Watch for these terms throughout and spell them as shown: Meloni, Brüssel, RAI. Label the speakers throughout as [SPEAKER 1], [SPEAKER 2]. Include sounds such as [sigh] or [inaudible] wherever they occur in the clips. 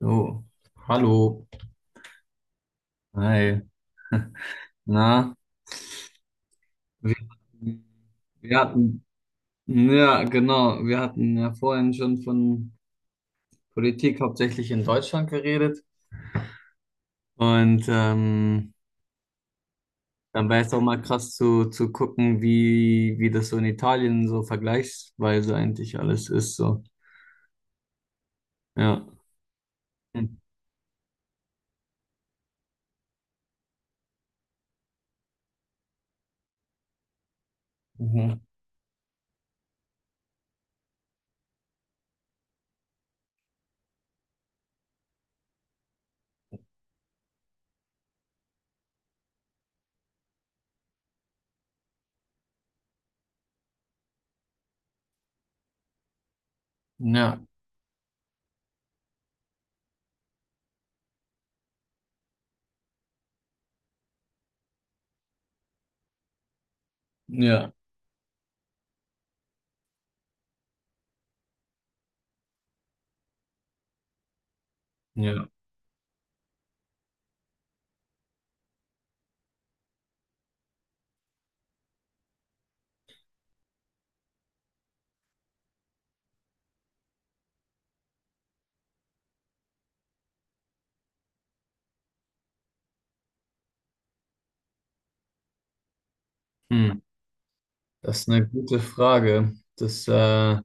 [SPEAKER 1] So, hallo. Hi. Na, wir, wir hatten, ja, genau, wir hatten ja vorhin schon von Politik hauptsächlich in Deutschland geredet. Und ähm, Dann wäre es auch mal krass zu gucken, wie das so in Italien so vergleichsweise eigentlich alles ist. So, ja. Hm. Mhm. Ja, ja, ja. Hm. Das ist eine gute Frage.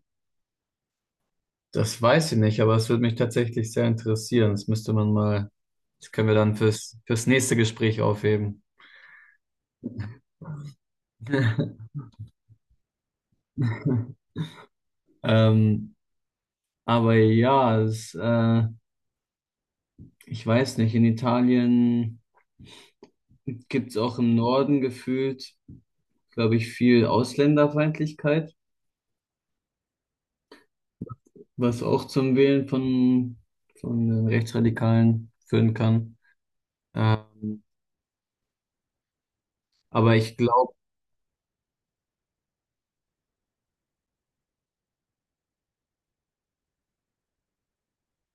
[SPEAKER 1] Das weiß ich nicht, aber es würde mich tatsächlich sehr interessieren. Das müsste man mal, das können wir dann fürs nächste Gespräch aufheben. [laughs] Ähm, aber ja, ich weiß nicht, in Italien gibt es auch im Norden gefühlt, glaube ich, viel Ausländerfeindlichkeit, was auch zum Wählen von den Rechtsradikalen führen kann. Ähm, aber ich glaube,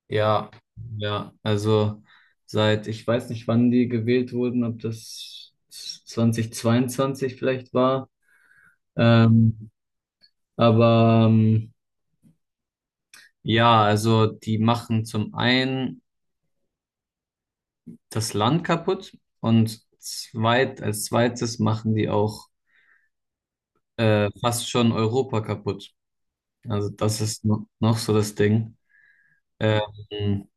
[SPEAKER 1] ja, ja, also seit, ich weiß nicht, wann die gewählt wurden, ob das 2022 vielleicht war. Ähm, aber ähm, ja, also die machen zum einen das Land kaputt und zweites machen die auch fast schon Europa kaputt. Also das ist no, noch so das Ding. Ähm,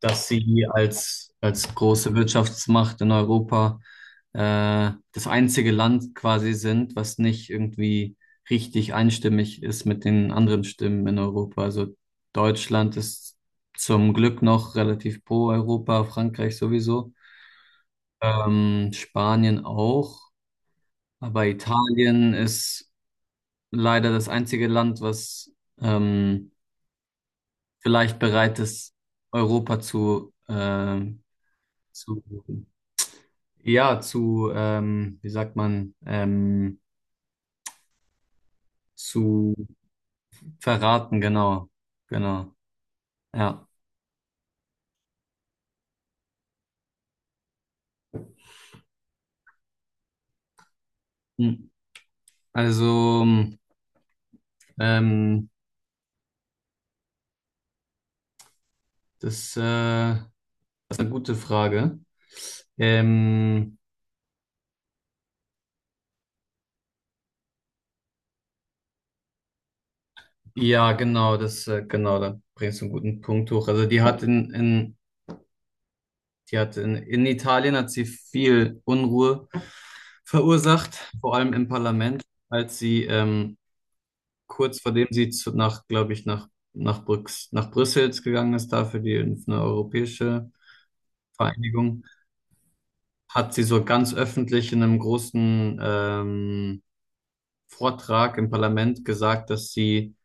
[SPEAKER 1] dass sie als große Wirtschaftsmacht in Europa das einzige Land quasi sind, was nicht irgendwie richtig einstimmig ist mit den anderen Stimmen in Europa. Also Deutschland ist zum Glück noch relativ pro Europa, Frankreich sowieso, Spanien auch, aber Italien ist leider das einzige Land, was ähm, vielleicht bereit ist, Europa zu Ja, zu, wie sagt man, zu verraten, genau, genau, ja. Hm. Also, ähm, das ist eine gute Frage. Ähm, ja, genau, genau, da bringst du einen guten Punkt hoch. Also, die hat in Italien hat sie viel Unruhe verursacht, vor allem im Parlament, als sie, kurz vor dem sie nach, glaube ich, Brüx, nach Brüssel gegangen ist, da für die eine europäische Vereinigung, hat sie so ganz öffentlich in einem großen Vortrag im Parlament gesagt, dass sie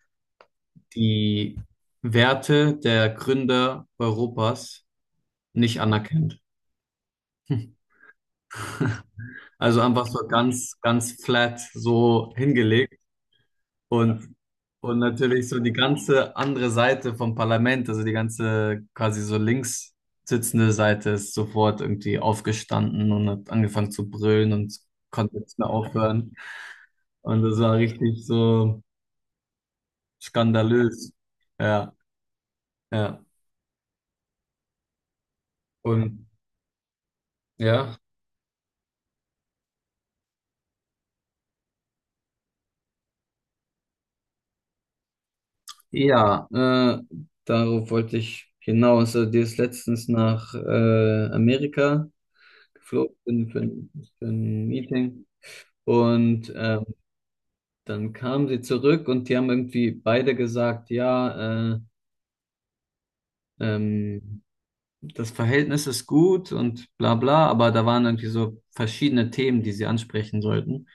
[SPEAKER 1] die Werte der Gründer Europas nicht anerkennt. [laughs] Also einfach so ganz, ganz flat so hingelegt. Und, und natürlich so die ganze andere Seite vom Parlament, also die ganze quasi so links sitzende Seite ist sofort irgendwie aufgestanden und hat angefangen zu brüllen und konnte nicht mehr aufhören. Und das war richtig so skandalös. Ja, ja. Und ja. Ja, äh, Darauf wollte ich hinaus. Also, die ist letztens nach Amerika geflogen für ein Meeting. Und ähm, Dann kamen sie zurück und die haben irgendwie beide gesagt, ja, ähm, das Verhältnis ist gut und bla bla, aber da waren irgendwie so verschiedene Themen, die sie ansprechen sollten,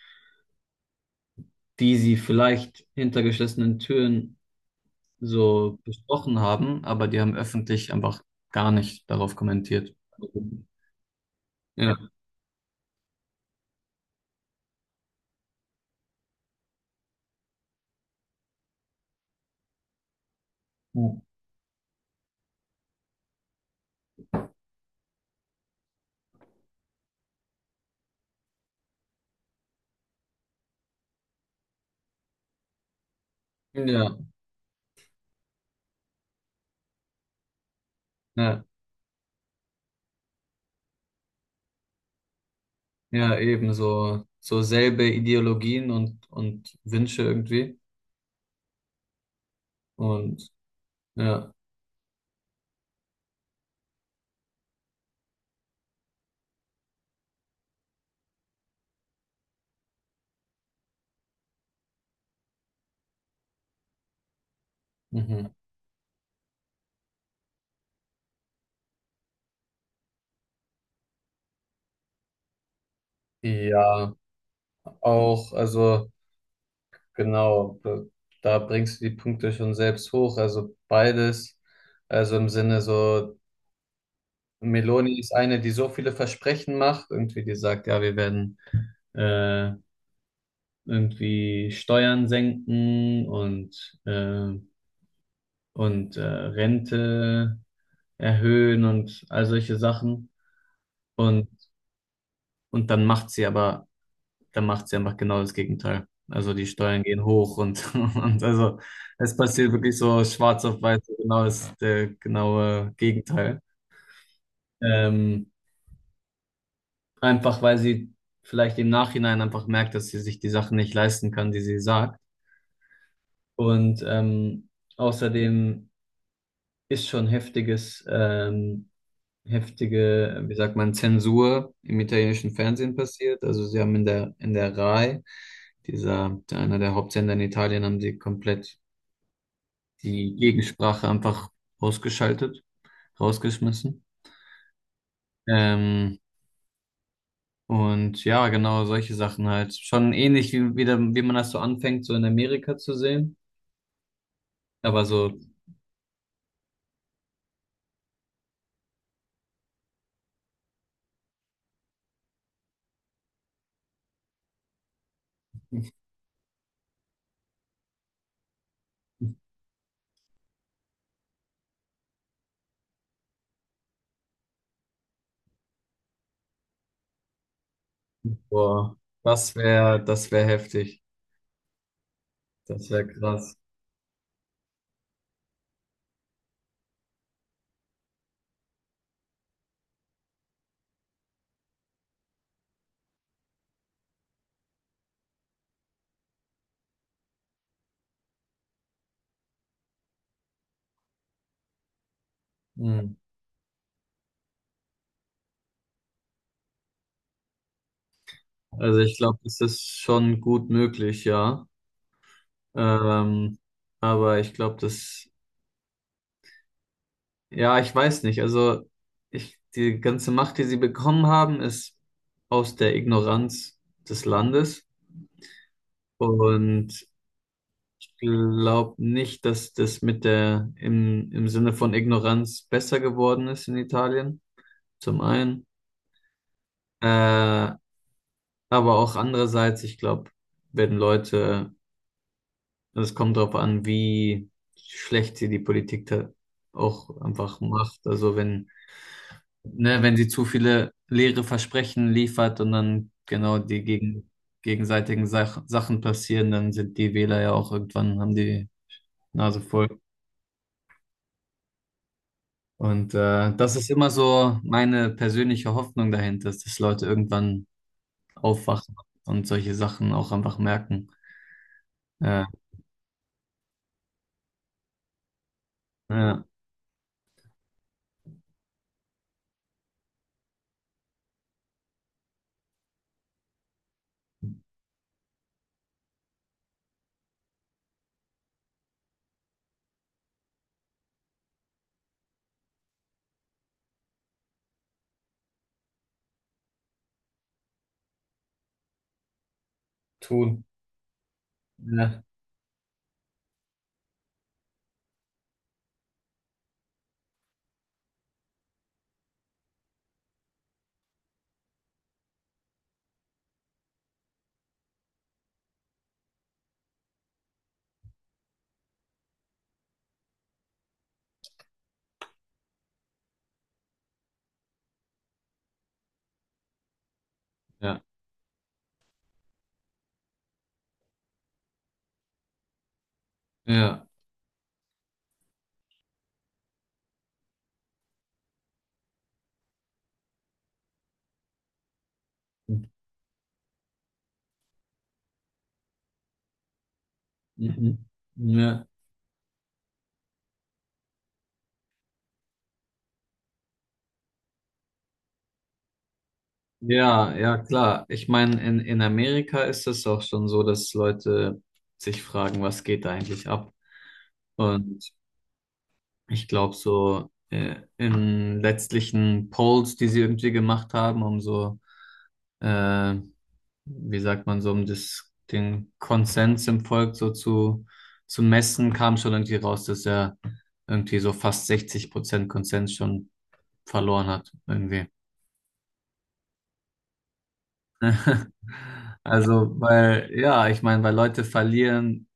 [SPEAKER 1] die sie vielleicht hinter geschlossenen Türen so besprochen haben, aber die haben öffentlich einfach gar nicht darauf kommentiert. Ja, ja, ja, ja, eben so, so selbe Ideologien und Wünsche irgendwie und ja, mhm. Ja. Auch, also genau, da bringst du die Punkte schon selbst hoch. Also beides, also im Sinne so, Meloni ist eine, die so viele Versprechen macht, irgendwie die sagt, ja, wir werden äh, irgendwie Steuern senken und Rente erhöhen und all solche Sachen. Und, und dann macht sie aber dann macht sie einfach genau das Gegenteil. Also die Steuern gehen hoch und, [laughs] und also es passiert wirklich so schwarz auf weiß, so genau das der genaue Gegenteil. Ähm, einfach weil sie vielleicht im Nachhinein einfach merkt, dass sie sich die Sachen nicht leisten kann, die sie sagt. Und außerdem ist schon heftige, wie sagt man, Zensur im italienischen Fernsehen passiert. Also sie haben in der RAI, dieser, einer der Hauptsender in Italien, haben sie komplett die Gegensprache einfach ausgeschaltet, rausgeschmissen. Ähm, und ja, genau solche Sachen halt. Schon ähnlich wie man das so anfängt, so in Amerika zu sehen. Aber so, boah, das wäre heftig. Das wäre krass. Mhm. Also ich glaube, das ist schon gut möglich, ja. Ähm, aber ich glaube, das, ja, ich weiß nicht. Also ich, die ganze Macht, die sie bekommen haben, ist aus der Ignoranz des Landes. Und ich glaube nicht, dass das mit der im Sinne von Ignoranz besser geworden ist in Italien, zum einen. Äh, aber auch andererseits, ich glaube, wenn Leute, es kommt darauf an, wie schlecht sie die Politik da auch einfach macht. Also wenn, ne, wenn sie zu viele leere Versprechen liefert und dann gegenseitigen Sachen passieren, dann sind die Wähler ja auch irgendwann, haben die Nase voll. Und das ist immer so meine persönliche Hoffnung dahinter, ist, dass Leute irgendwann aufwachen und solche Sachen auch einfach merken. Ja, ja, Tun. Ja, ja, ja, mhm. Mhm. Ja, ja, ja, klar. Ich meine, in Amerika ist es auch schon so, dass Leute sich fragen, was geht da eigentlich ab? Und ich glaube, so in letztlichen Polls, die sie irgendwie gemacht haben, um so äh, wie sagt man so, um das, den Konsens im Volk so zu messen, kam schon irgendwie raus, dass er irgendwie so fast 60% Konsens schon verloren hat, irgendwie. [laughs] Also, weil, ja, ich meine, weil Leute verlieren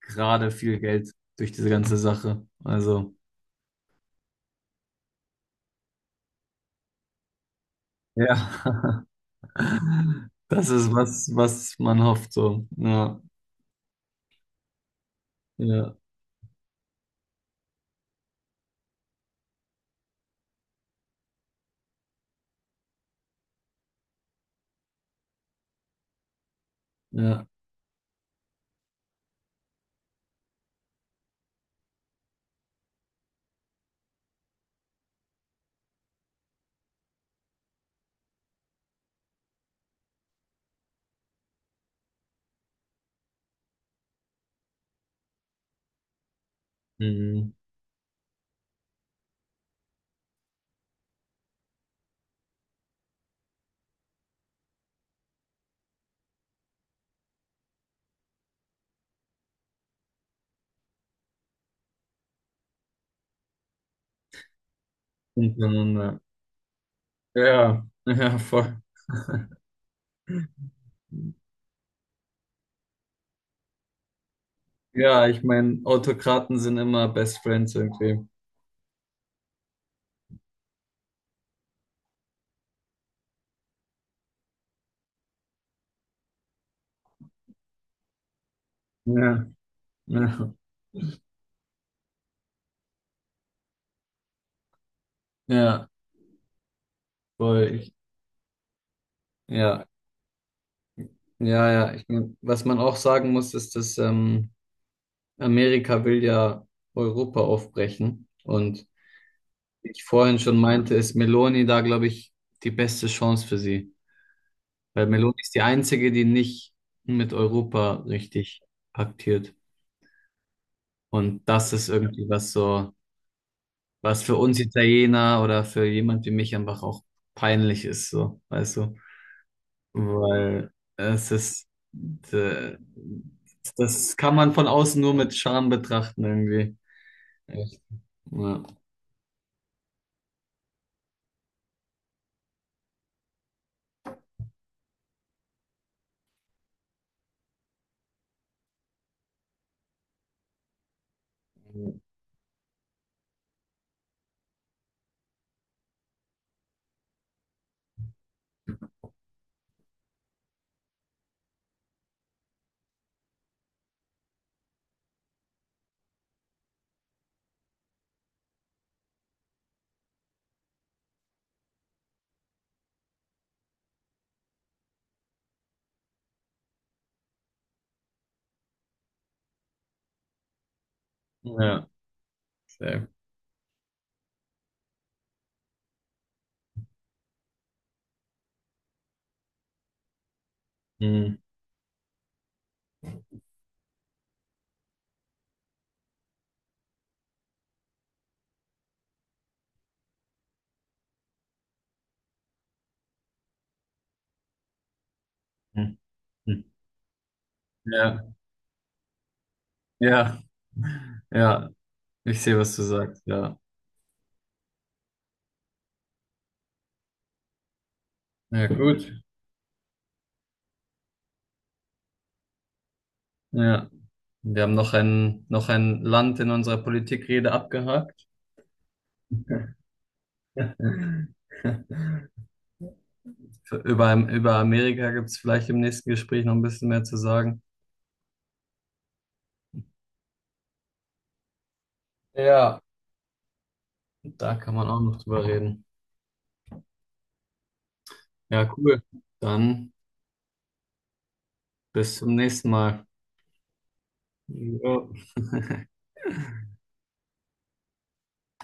[SPEAKER 1] gerade viel Geld durch diese ganze Sache. Also, ja, [laughs] das ist was, was man hofft, so. Ja, ja, ja. Mhm. Untereinander. Ja, ja, voll. Ja, ich meine, Autokraten sind immer Best Friends irgendwie. Ja, ja, ja, voll. Ich, ja, ja, ja. Ich mein, was man auch sagen muss, ist, dass Amerika will ja Europa aufbrechen. Und wie ich vorhin schon meinte, ist Meloni da, glaube ich, die beste Chance für sie. Weil Meloni ist die einzige, die nicht mit Europa richtig paktiert. Und das ist irgendwie was so. Was für uns Italiener oder für jemand wie mich einfach auch peinlich ist, so, weißt du? Weil es ist, äh, das kann man von außen nur mit Scham betrachten irgendwie. Echt. Ja, ja, sehr. Hm, hm, hm. Ja, ja, ja, ich sehe, was du sagst, ja. Ja, gut. Ja, wir haben noch noch ein Land in unserer Politikrede abgehakt. [laughs] Über Amerika gibt es vielleicht im nächsten Gespräch noch ein bisschen mehr zu sagen. Ja, da kann man auch noch drüber reden. Ja, cool. Dann bis zum nächsten Mal. Jo. [laughs]